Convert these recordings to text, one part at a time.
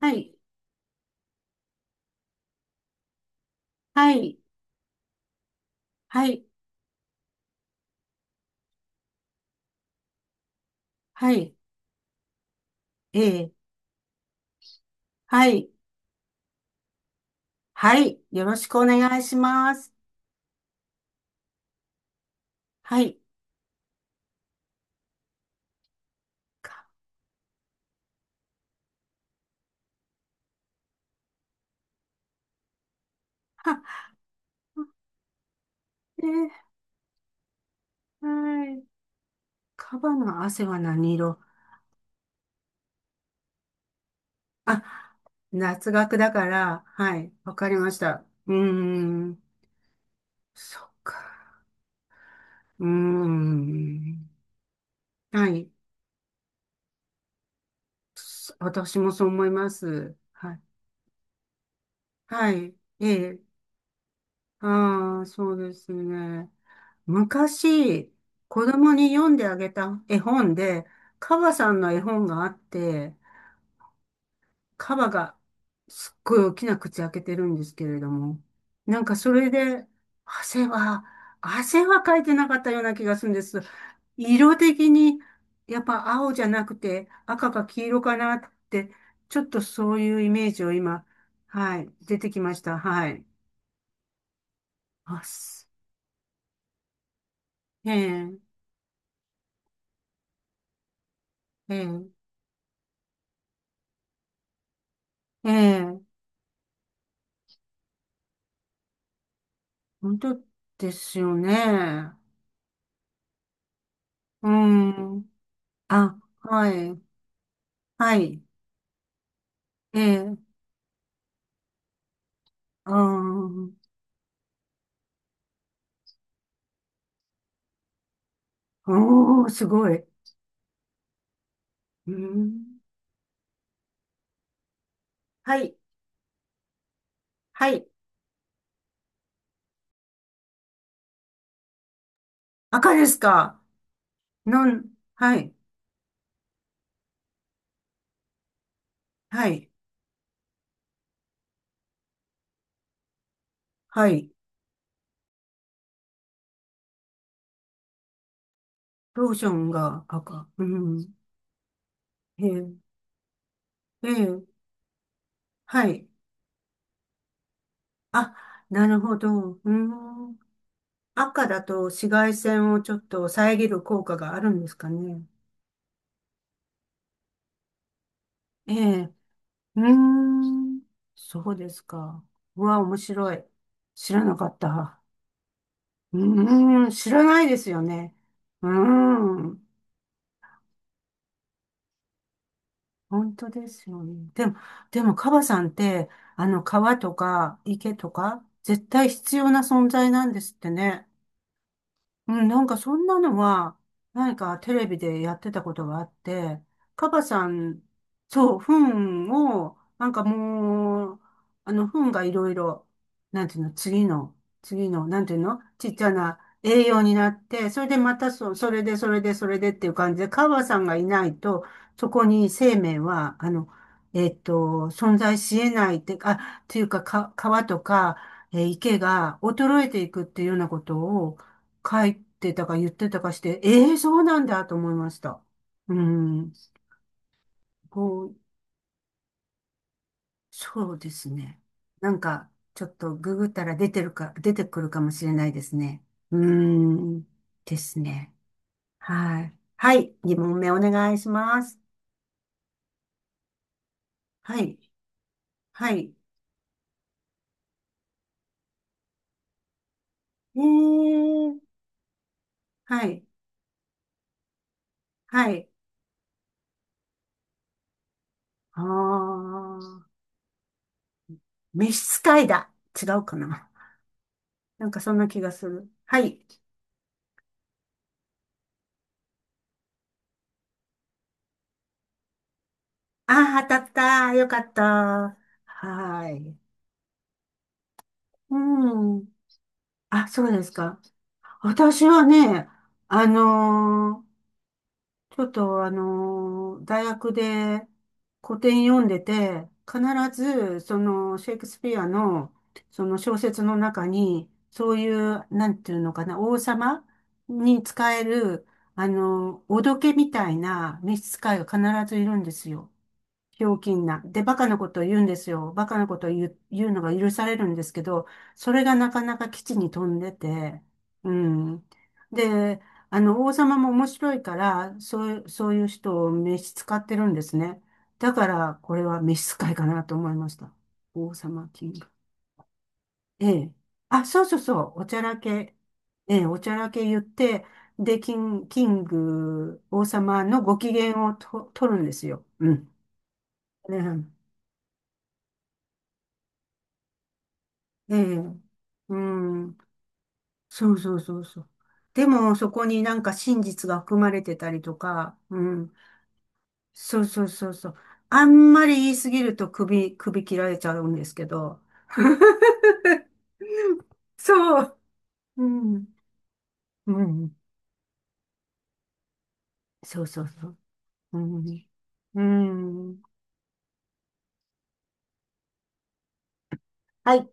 はい、はい、はい、はい、ええ、はい、はい、よろしくお願いします。はい、か、ええ、はい、カバの汗は何色？あ、夏学だから、はい、わかりました。うーん、そっか、うーん、はい、私もそう思います。はい、はい、ええ、ああ、そうですね。昔、子供に読んであげた絵本で、カバさんの絵本があって、カバがすっごい大きな口開けてるんですけれども、なんかそれで、汗は、汗はかいてなかったような気がするんです。色的に、やっぱ青じゃなくて赤か黄色かなって、ちょっとそういうイメージを今、はい、出てきました。はい。あ、ええ、ええ。ええ、本当ですよね。うん。あ、はい、はい、ええ、あー、おー、すごい。うん、はい、はい。赤ですか？なん、はい、はい、はい。ローションが赤。うん、ええ、ええ、はい。あ、なるほど。うん、赤だと紫外線をちょっと遮る効果があるんですかね。ええ、うーん。そうですか。うわ、面白い。知らなかった。うーん、知らないですよね。うーん。本当ですよね。でも、カバさんって、あの、川とか池とか、絶対必要な存在なんですってね。うん、なんかそんなのは、何かテレビでやってたことがあって、カバさん、そう、糞を、なんかもう、あの、糞がいろいろ、なんていうの、次の、なんていうの、ちっちゃな栄養になって、それでまたそれで、それで、それでっていう感じで、カバさんがいないと、そこに生命は、あの、存在し得ないって、あ、っていうか、川とか、池が衰えていくっていうようなことを、書いてたか言ってたかして、ええー、そうなんだと思いました。うん、こう、そうですね。なんか、ちょっとググったら出てるか、出てくるかもしれないですね。うん、ですね。はい。はい、2問目お願いします。はい、はい。ええ、はい、はい。あー、召使いだ。違うかな。なんかそんな気がする。はい。ああ、当たった。よかった。はい。うん。あ、そうですか。私はね、あのーちょっと大学で古典読んでて、必ず、その、シェイクスピアの、その小説の中に、そういう、なんていうのかな、王様に使える、おどけみたいな召使いが必ずいるんですよ。ひょうきんな。で、バカなことを言うんですよ。バカなことを言うのが許されるんですけど、それがなかなか基地に飛んでて、うん。で、王様も面白いから、そういう人を召使ってるんですね。だから、これは召使いかなと思いました。王様キング。ええ。あ、そうそうそう。おちゃらけ。ええ、おちゃらけ言って、で、キング、王様のご機嫌を取るんですよ。うん。ね、ええ、うん、そうそうそうそう。でも、そこになんか真実が含まれてたりとか、うん、そうそうそうそう。あんまり言いすぎると首切られちゃうんですけど。そう、うん、うん、そうそうそう。うん、うん。はい、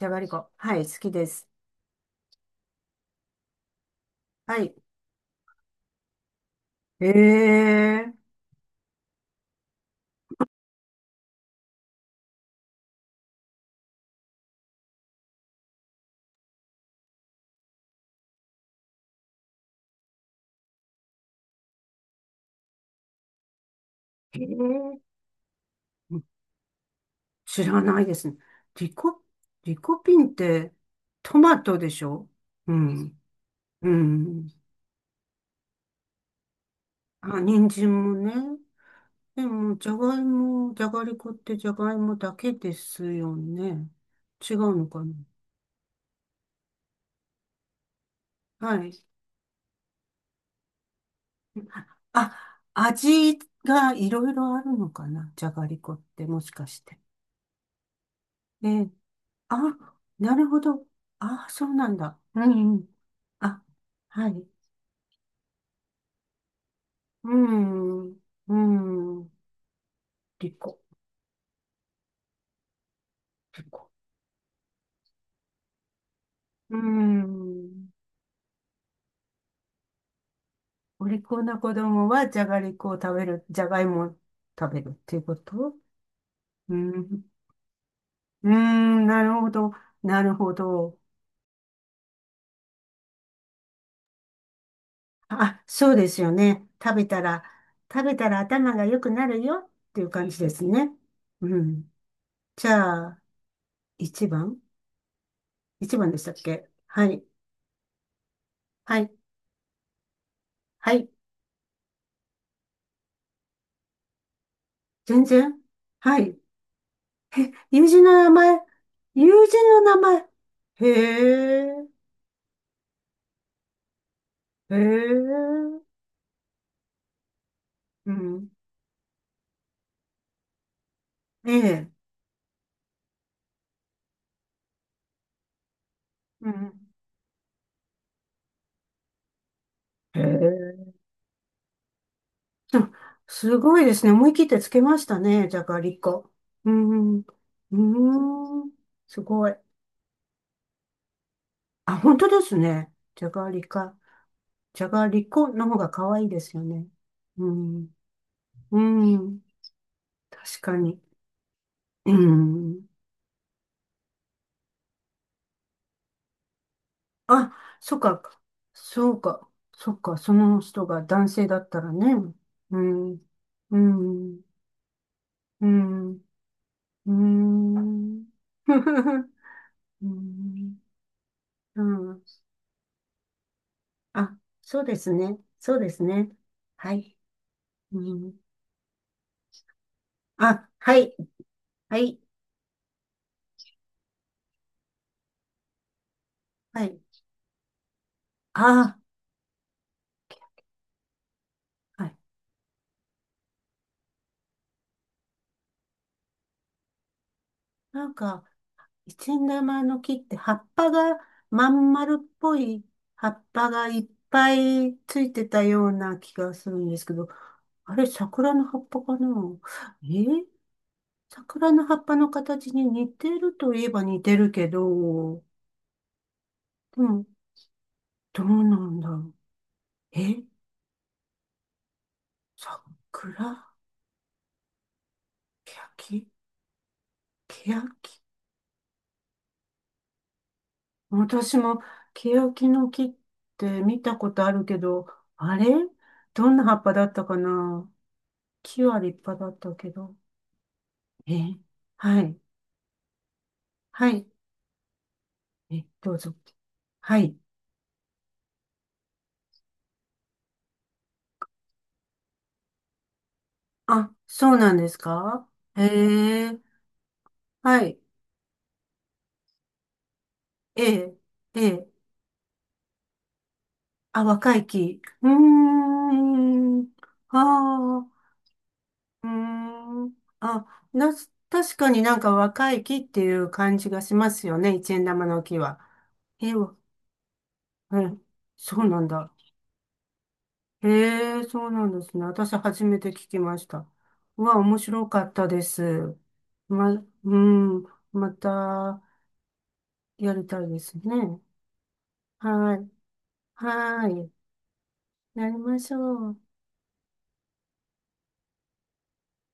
じゃがりこ。はい、好きです。はい。ええ、ええ、知らないですね。リコ、リコピンってトマトでしょ？うん。うん。あ、人参もね。でも、じゃがいも、じゃがりこってじゃがいもだけですよね。違うのかな？はい。あ、味がいろいろあるのかな、じゃがりこってもしかして。ええ、あ、なるほど。あ、そうなんだ。うんうん。あ、はい。うん。うん。りこ。りこ。うん。お利口な子供はじゃがりこを食べる、じゃがいもを食べるっていうこと？うん。うーん、なるほど。なるほど。あ、そうですよね。食べたら頭が良くなるよっていう感じですね。うん。じゃあ、1番 ?1 番でしたっけ？はい。はい。はい。全然。はい。友人の名前。友人の名前。へえ。へえ。うん。ええ。うん。へえ。あ、すごいですね。思い切ってつけましたね。じゃがりこ。うん。うーん。すごい。あ、本当ですね。じゃがりか。じゃがりこの方が可愛いですよね。うん。うん。確かに。うん。あ、そっか。そうか。そっか。その人が男性だったらね。うん。うん。うん。うん。うん。うん。あ、そうですね。そうですね。はい。うん、あ、はい。はい。はい。ああ、はい。なんか、一円玉の木って葉っぱがまん丸っぽい葉っぱがいっぱいついてたような気がするんですけど、あれ、桜の葉っぱかな？えー桜の葉っぱの形に似てるといえば似てるけど、でも、どうなんだろう。え桜、ケヤキ、ケヤキ、私も、ケヤキの木って見たことあるけど、あれ、どんな葉っぱだったかな？木は立派だったけど。えはい。はい。え、どうぞ。はい。あ、そうなんですか？へえ、はい。ええ、ええ。あ、若い木。うーん。ああ、うーん。あ、な、確かになんか若い木っていう感じがしますよね。一円玉の木は。ええ、ええ、そうなんだ。へえ、そうなんですね。私初めて聞きました。うわ、面白かったです。ま、うん、またやりたいですね。はい。はい。やりましょう。